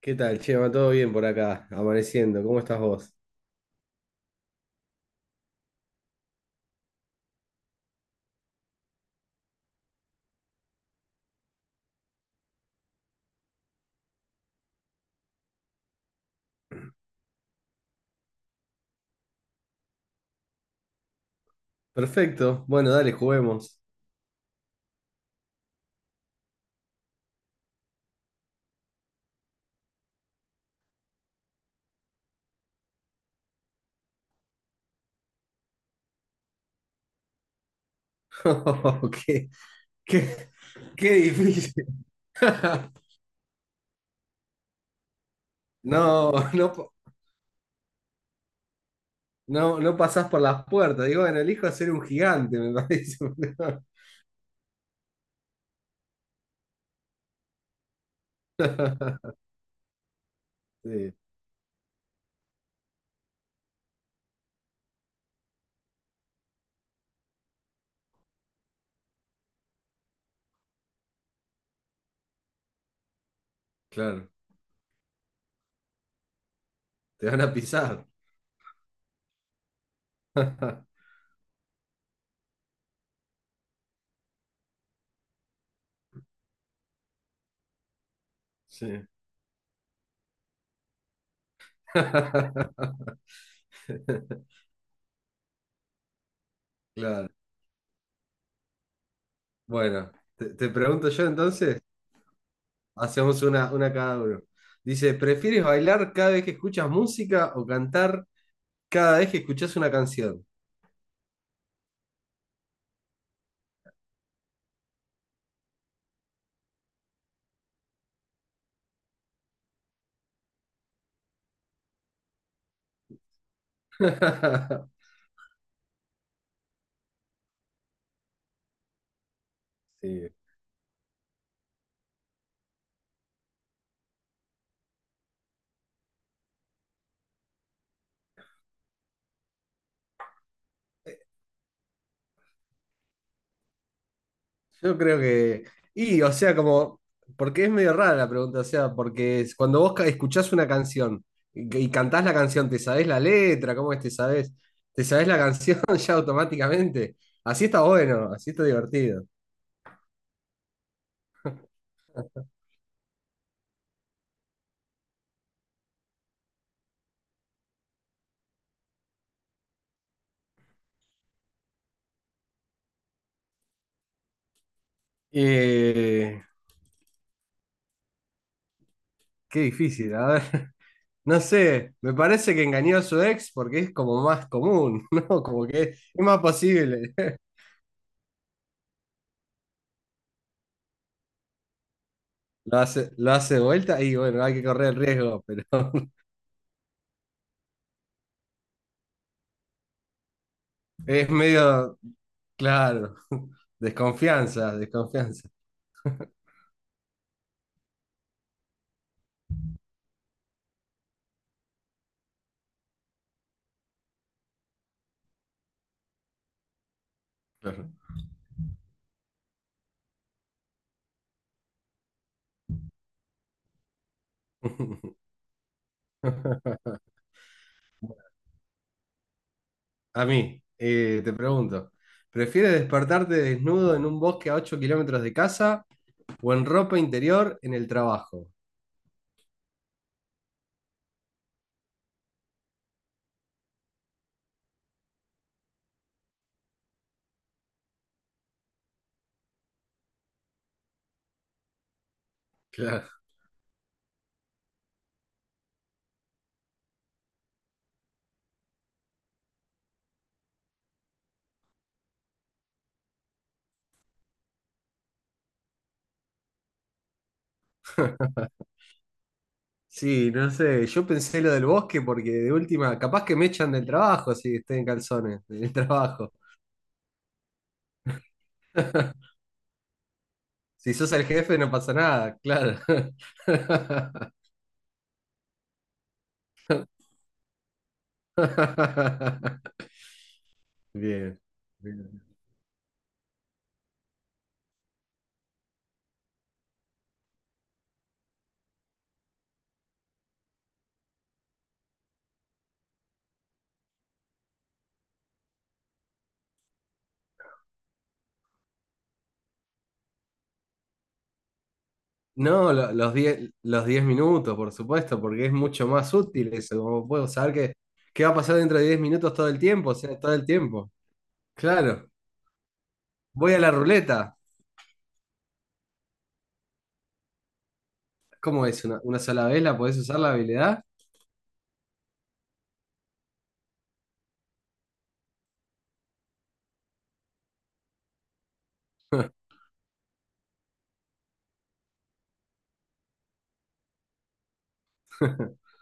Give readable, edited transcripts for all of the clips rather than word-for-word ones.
¿Qué tal, Chema? ¿Todo bien por acá? Amaneciendo. ¿Cómo estás vos? Perfecto. Bueno, dale, juguemos. qué, qué, qué difícil. No, no, po- no, no pasás por las puertas. Digo, bueno, elijo ser un gigante, me parece. Sí, claro. Te van a pisar. Sí. Claro. Bueno, te pregunto yo entonces. Hacemos una cada uno. Dice, ¿prefieres bailar cada vez que escuchas música o cantar cada vez que escuchas una canción? Sí. Yo creo que… Y, o sea, como... Porque es medio rara la pregunta, o sea, cuando vos escuchás una canción y cantás la canción, ¿te sabés la letra? ¿Cómo es te sabés? ¿Te sabés la canción ya automáticamente? Así está bueno, así está divertido. Eh, qué difícil, a ver. No sé, me parece que engañó a su ex porque es como más común, ¿no? Como que es más posible. Lo hace de vuelta y bueno, hay que correr el riesgo, pero es medio, claro, desconfianza, desconfianza. Claro. A mí, te pregunto, ¿prefieres despertarte desnudo en un bosque a 8 kilómetros de casa o en ropa interior en el trabajo? Claro. Sí, no sé, yo pensé lo del bosque porque de última, capaz que me echan del trabajo si estoy en calzones, del trabajo. Si sos el jefe no pasa nada, claro. Bien. Bien. No, los 10 minutos, por supuesto, porque es mucho más útil eso, como puedo saber qué va a pasar dentro de 10 minutos todo el tiempo, o sea, todo el tiempo. Claro. Voy a la ruleta. ¿Cómo es? Una sola vez la podés usar la habilidad?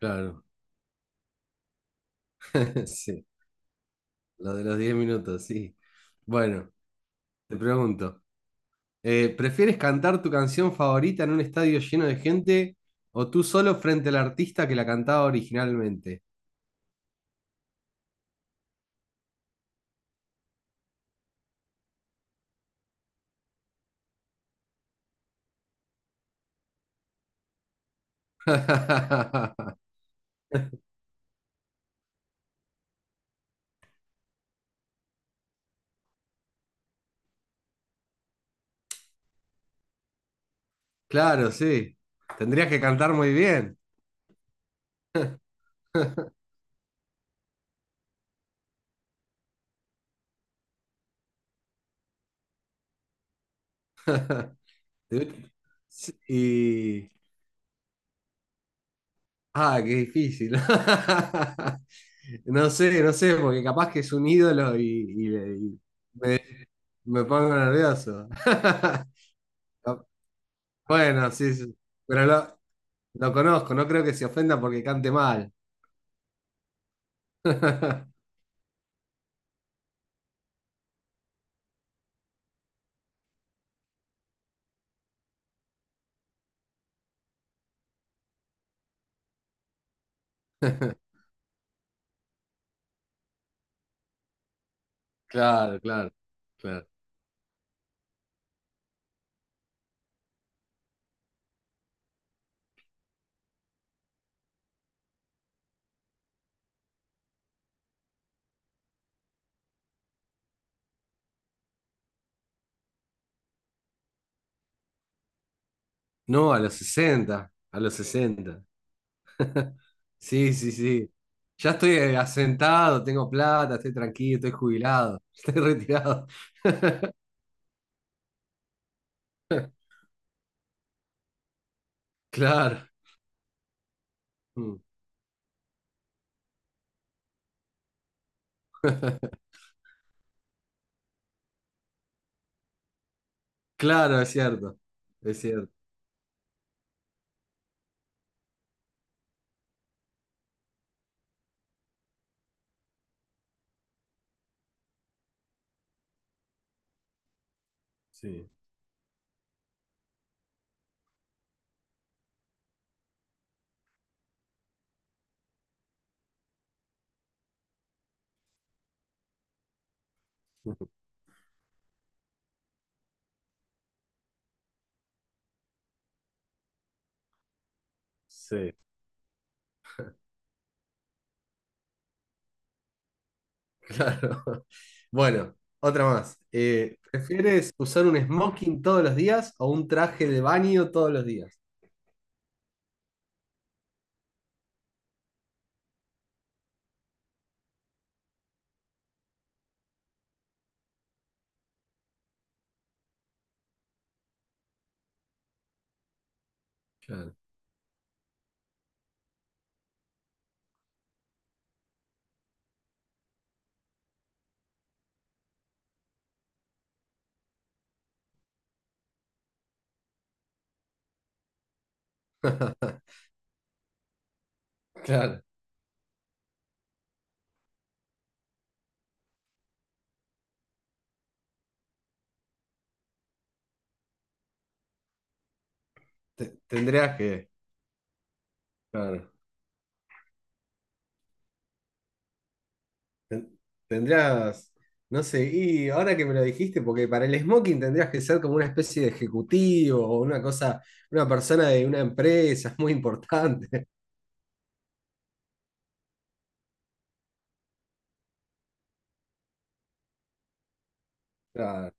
Claro. Sí. Lo de los 10 minutos, sí. Bueno, te pregunto, ¿prefieres cantar tu canción favorita en un estadio lleno de gente o tú solo frente al artista que la cantaba originalmente? Claro, sí. Tendrías que cantar muy bien. Te- sí. Y… Ah, qué difícil. No sé, no sé, porque capaz que es un ídolo y- y me, me pongo nervioso. Bueno, sí, sí. Pero lo conozco, no creo que se ofenda porque cante mal. Claro, claro, claro. No, a los sesenta. Sí, sí, sí. Ya estoy asentado, tengo plata, estoy tranquilo, estoy jubilado, estoy retirado. Claro. Mm. Claro, es cierto. Es cierto. Sí. Sí. Claro. Bueno, otra más. ¿Prefieres usar un smoking todos los días o un traje de baño todos los días? Claro, claro. Tendrías que, claro. Ten- Tendrías, no sé, y ahora que me lo dijiste, porque para el smoking tendrías que ser como una especie de ejecutivo o una cosa, una persona de una empresa, es muy importante. Claro,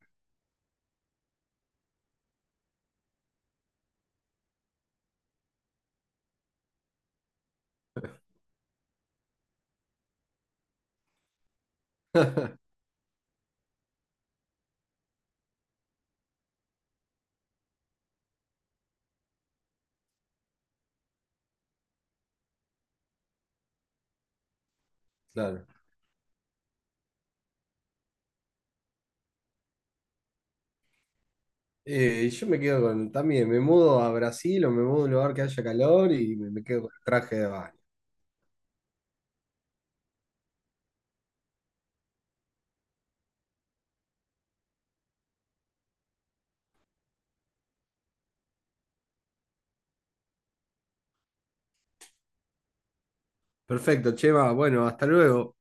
claro. Yo me quedo con, también, me mudo a Brasil o me mudo a un lugar que haya calor y me quedo con el traje de baño. Perfecto, Chema. Bueno, hasta luego.